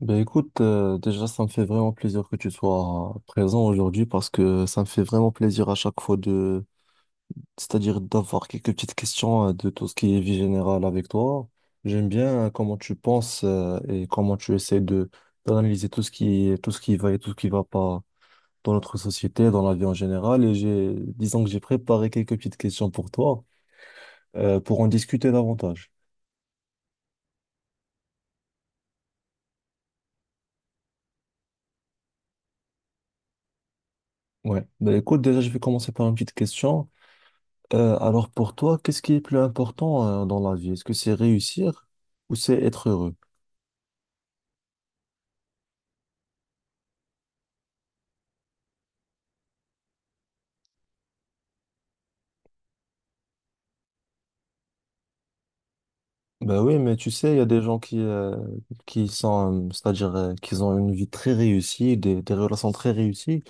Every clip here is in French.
Ben écoute, déjà ça me fait vraiment plaisir que tu sois présent aujourd'hui parce que ça me fait vraiment plaisir à chaque fois de, c'est-à-dire d'avoir quelques petites questions de tout ce qui est vie générale avec toi. J'aime bien comment tu penses et comment tu essaies de d'analyser tout ce qui va et tout ce qui va pas dans notre société, dans la vie en général. Et j'ai, disons que j'ai préparé quelques petites questions pour toi pour en discuter davantage. Ouais. Ben écoute, déjà je vais commencer par une petite question. Alors pour toi, qu'est-ce qui est plus important dans la vie? Est-ce que c'est réussir ou c'est être heureux? Ben oui, mais tu sais, il y a des gens qui sont, c'est-à-dire qu'ils ont une vie très réussie, des relations très réussies,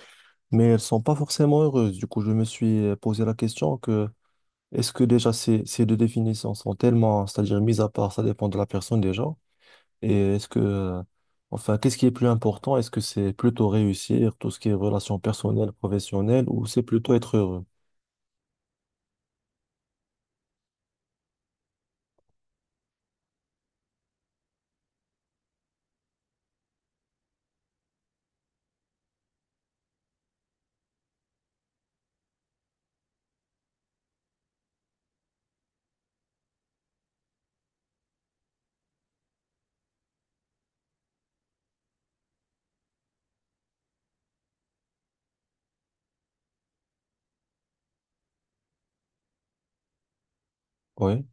mais elles sont pas forcément heureuses. Du coup, je me suis posé la question que est-ce que déjà ces, ces deux définitions sont tellement, c'est-à-dire mises à part, ça dépend de la personne déjà, et enfin, qu'est-ce qui est plus important? Est-ce que c'est plutôt réussir, tout ce qui est relations personnelles, professionnelles, ou c'est plutôt être heureux? Oui,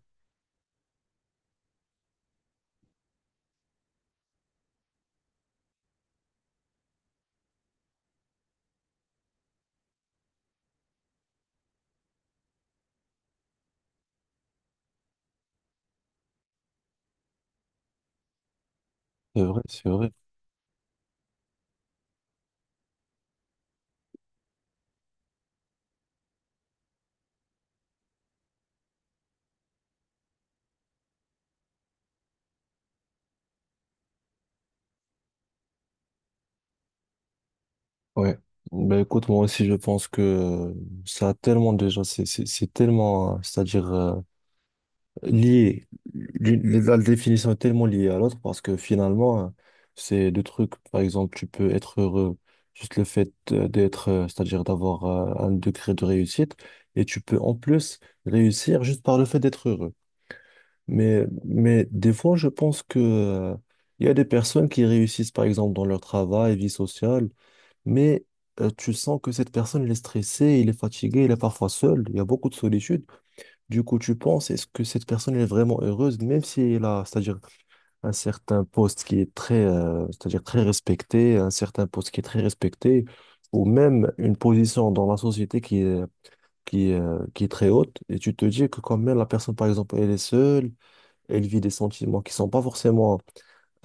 c'est vrai, c'est vrai. Ouais. Ben écoute, moi aussi, je pense que ça a tellement déjà, c'est tellement, c'est-à-dire lié, la définition est tellement liée à l'autre parce que finalement, c'est deux trucs, par exemple, tu peux être heureux, juste le fait d'être, c'est-à-dire d'avoir un degré de réussite, et tu peux en plus réussir juste par le fait d'être heureux. Mais des fois, je pense que, il y a des personnes qui réussissent, par exemple, dans leur travail, vie sociale, mais tu sens que cette personne, elle est stressée, il est fatigué, il est parfois seul, il y a beaucoup de solitude. Du coup, tu penses, est-ce que cette personne, elle est vraiment heureuse, même si elle a, c'est-à-dire un certain poste qui est très, c'est-à-dire très respecté, un certain poste qui est très respecté, ou même une position dans la société qui est très haute, et tu te dis que quand même la personne, par exemple, elle est seule, elle vit des sentiments qui sont pas forcément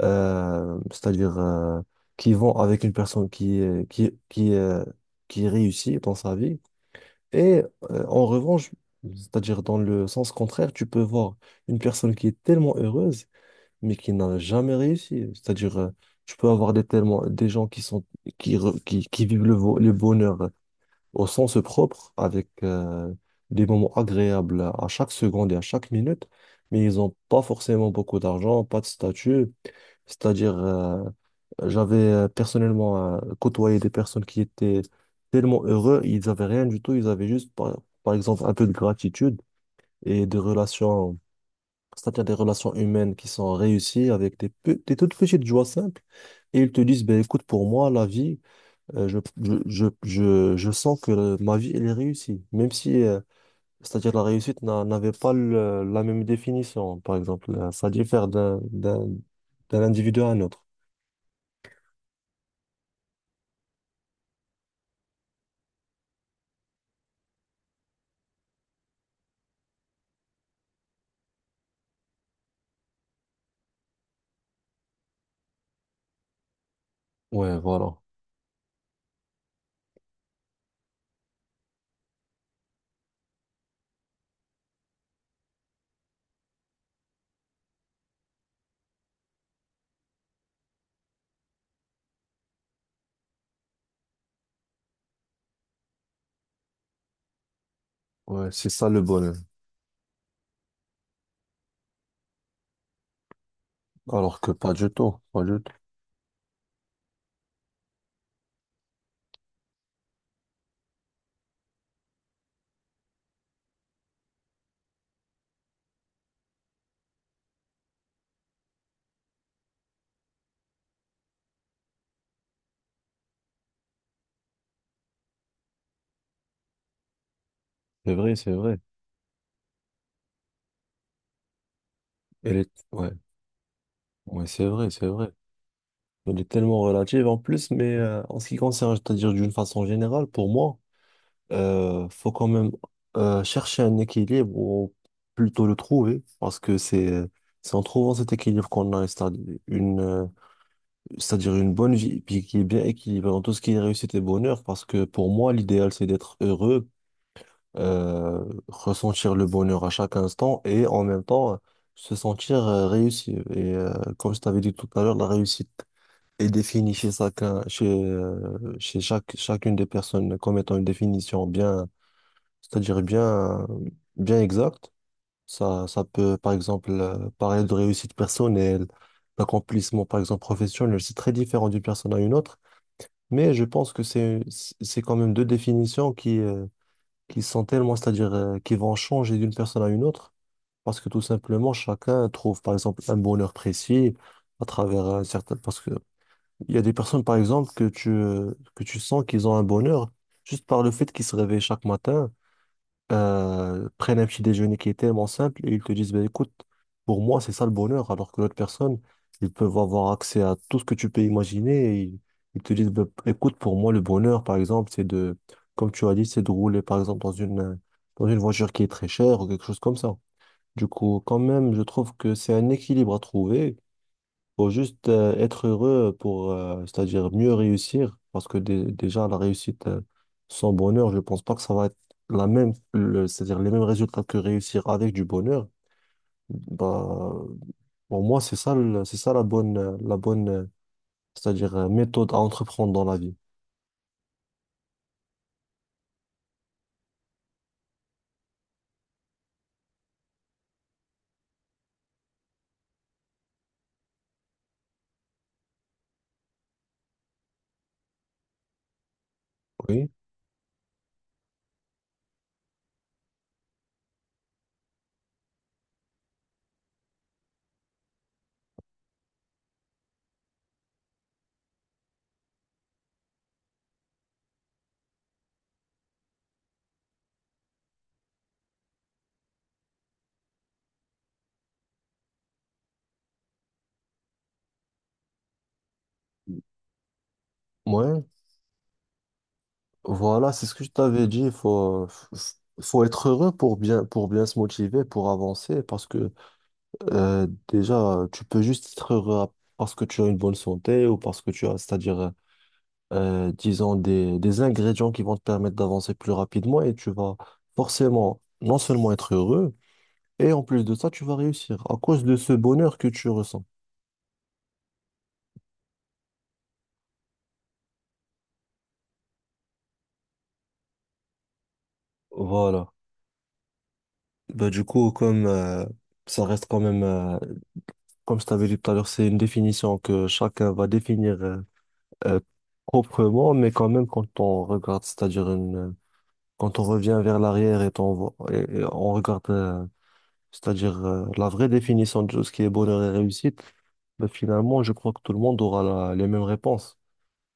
c'est-à-dire qui vont avec une personne qui, qui réussit dans sa vie. Et en revanche, c'est-à-dire dans le sens contraire, tu peux voir une personne qui est tellement heureuse, mais qui n'a jamais réussi. C'est-à-dire, tu peux avoir des, tellement, des gens qui sont, qui vivent le, le bonheur au sens propre, avec des moments agréables à chaque seconde et à chaque minute, mais ils n'ont pas forcément beaucoup d'argent, pas de statut. C'est-à-dire, j'avais personnellement côtoyé des personnes qui étaient tellement heureux, ils n'avaient rien du tout, ils avaient juste, par exemple, un peu de gratitude et des relations, c'est-à-dire des relations humaines qui sont réussies avec des, des toutes petites joies simples. Et ils te disent, ben écoute, pour moi, la vie, je sens que ma vie, elle est réussie. Même si, c'est-à-dire, la réussite n'avait pas la même définition, par exemple. Ça diffère d'un individu à un autre. Ouais, voilà. Ouais, c'est ça le bonheur. Alors que pas du tout, pas du tout. C'est vrai, c'est vrai. Elle est, ouais, ouais, c'est vrai, c'est vrai. Elle est tellement relative en plus, mais en ce qui concerne, c'est-à-dire d'une façon générale, pour moi, faut quand même chercher un équilibre ou plutôt le trouver, parce que c'est en trouvant cet équilibre qu'on a, c'est-à-dire une bonne vie, puis qui est bien équilibrée dans tout ce qui est réussite et bonheur, parce que pour moi, l'idéal, c'est d'être heureux ressentir le bonheur à chaque instant et en même temps se sentir réussi. Et comme je t'avais dit tout à l'heure, la réussite est définie chez chacun, chacune des personnes comme étant une définition bien, c'est-à-dire bien, bien exacte. Ça peut, par exemple, parler de réussite personnelle, d'accomplissement, par exemple, professionnel. C'est très différent d'une personne à une autre, mais je pense que c'est quand même deux définitions qui sont tellement, c'est-à-dire qui vont changer d'une personne à une autre, parce que tout simplement, chacun trouve, par exemple, un bonheur précis à travers un certain... Parce que il y a des personnes, par exemple, que tu sens qu'ils ont un bonheur juste par le fait qu'ils se réveillent chaque matin prennent un petit déjeuner qui est tellement simple et ils te disent, ben écoute, pour moi, c'est ça le bonheur, alors que l'autre personne, ils peuvent avoir accès à tout ce que tu peux imaginer ils te disent, ben, écoute, pour moi, le bonheur, par exemple, c'est de, comme tu as dit, c'est de rouler, par exemple, dans une voiture qui est très chère ou quelque chose comme ça. Du coup, quand même, je trouve que c'est un équilibre à trouver, faut juste être heureux pour, c'est-à-dire mieux réussir, parce que déjà, la réussite sans bonheur, je pense pas que ça va être la même, c'est-à-dire les mêmes résultats que réussir avec du bonheur. Bah, pour moi, c'est ça, c'est ça la bonne, c'est-à-dire méthode à entreprendre dans la vie. Oui. Ouais. Voilà, c'est ce que je t'avais dit. Il faut, faut être heureux pour bien se motiver, pour avancer, parce que déjà, tu peux juste être heureux à- parce que tu as une bonne santé ou parce que tu as, c'est-à-dire, disons, des ingrédients qui vont te permettre d'avancer plus rapidement et tu vas forcément non seulement être heureux, et en plus de ça, tu vas réussir à cause de ce bonheur que tu ressens. Voilà. Bah, du coup, comme ça reste quand même, comme je t'avais dit tout à l'heure, c'est une définition que chacun va définir euh, proprement, mais quand même, quand on regarde, c'est-à-dire une quand on revient vers l'arrière et on regarde, c'est-à-dire la vraie définition de ce qui est bonheur et réussite, ben, finalement, je crois que tout le monde aura les mêmes réponses.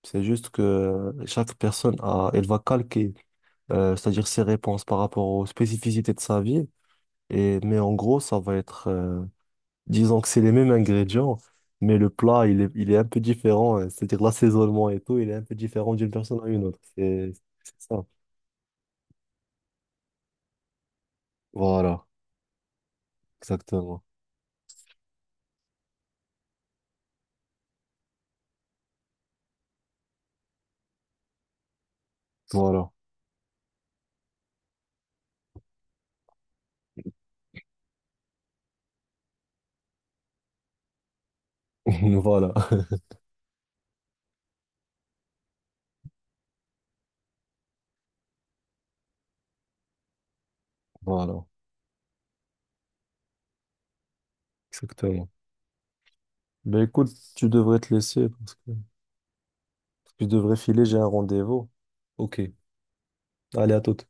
C'est juste que chaque personne elle va calquer, c'est-à-dire ses réponses par rapport aux spécificités de sa vie. Et, mais en gros, ça va être, disons que c'est les mêmes ingrédients, mais le plat, il est un peu différent, hein. C'est-à-dire l'assaisonnement et tout, il est un peu différent d'une personne à une autre. C'est ça. Voilà, exactement. Voilà. Voilà, voilà, exactement. Ben écoute, tu devrais te laisser parce que je devrais filer, j'ai un rendez-vous. Ok, allez à toute.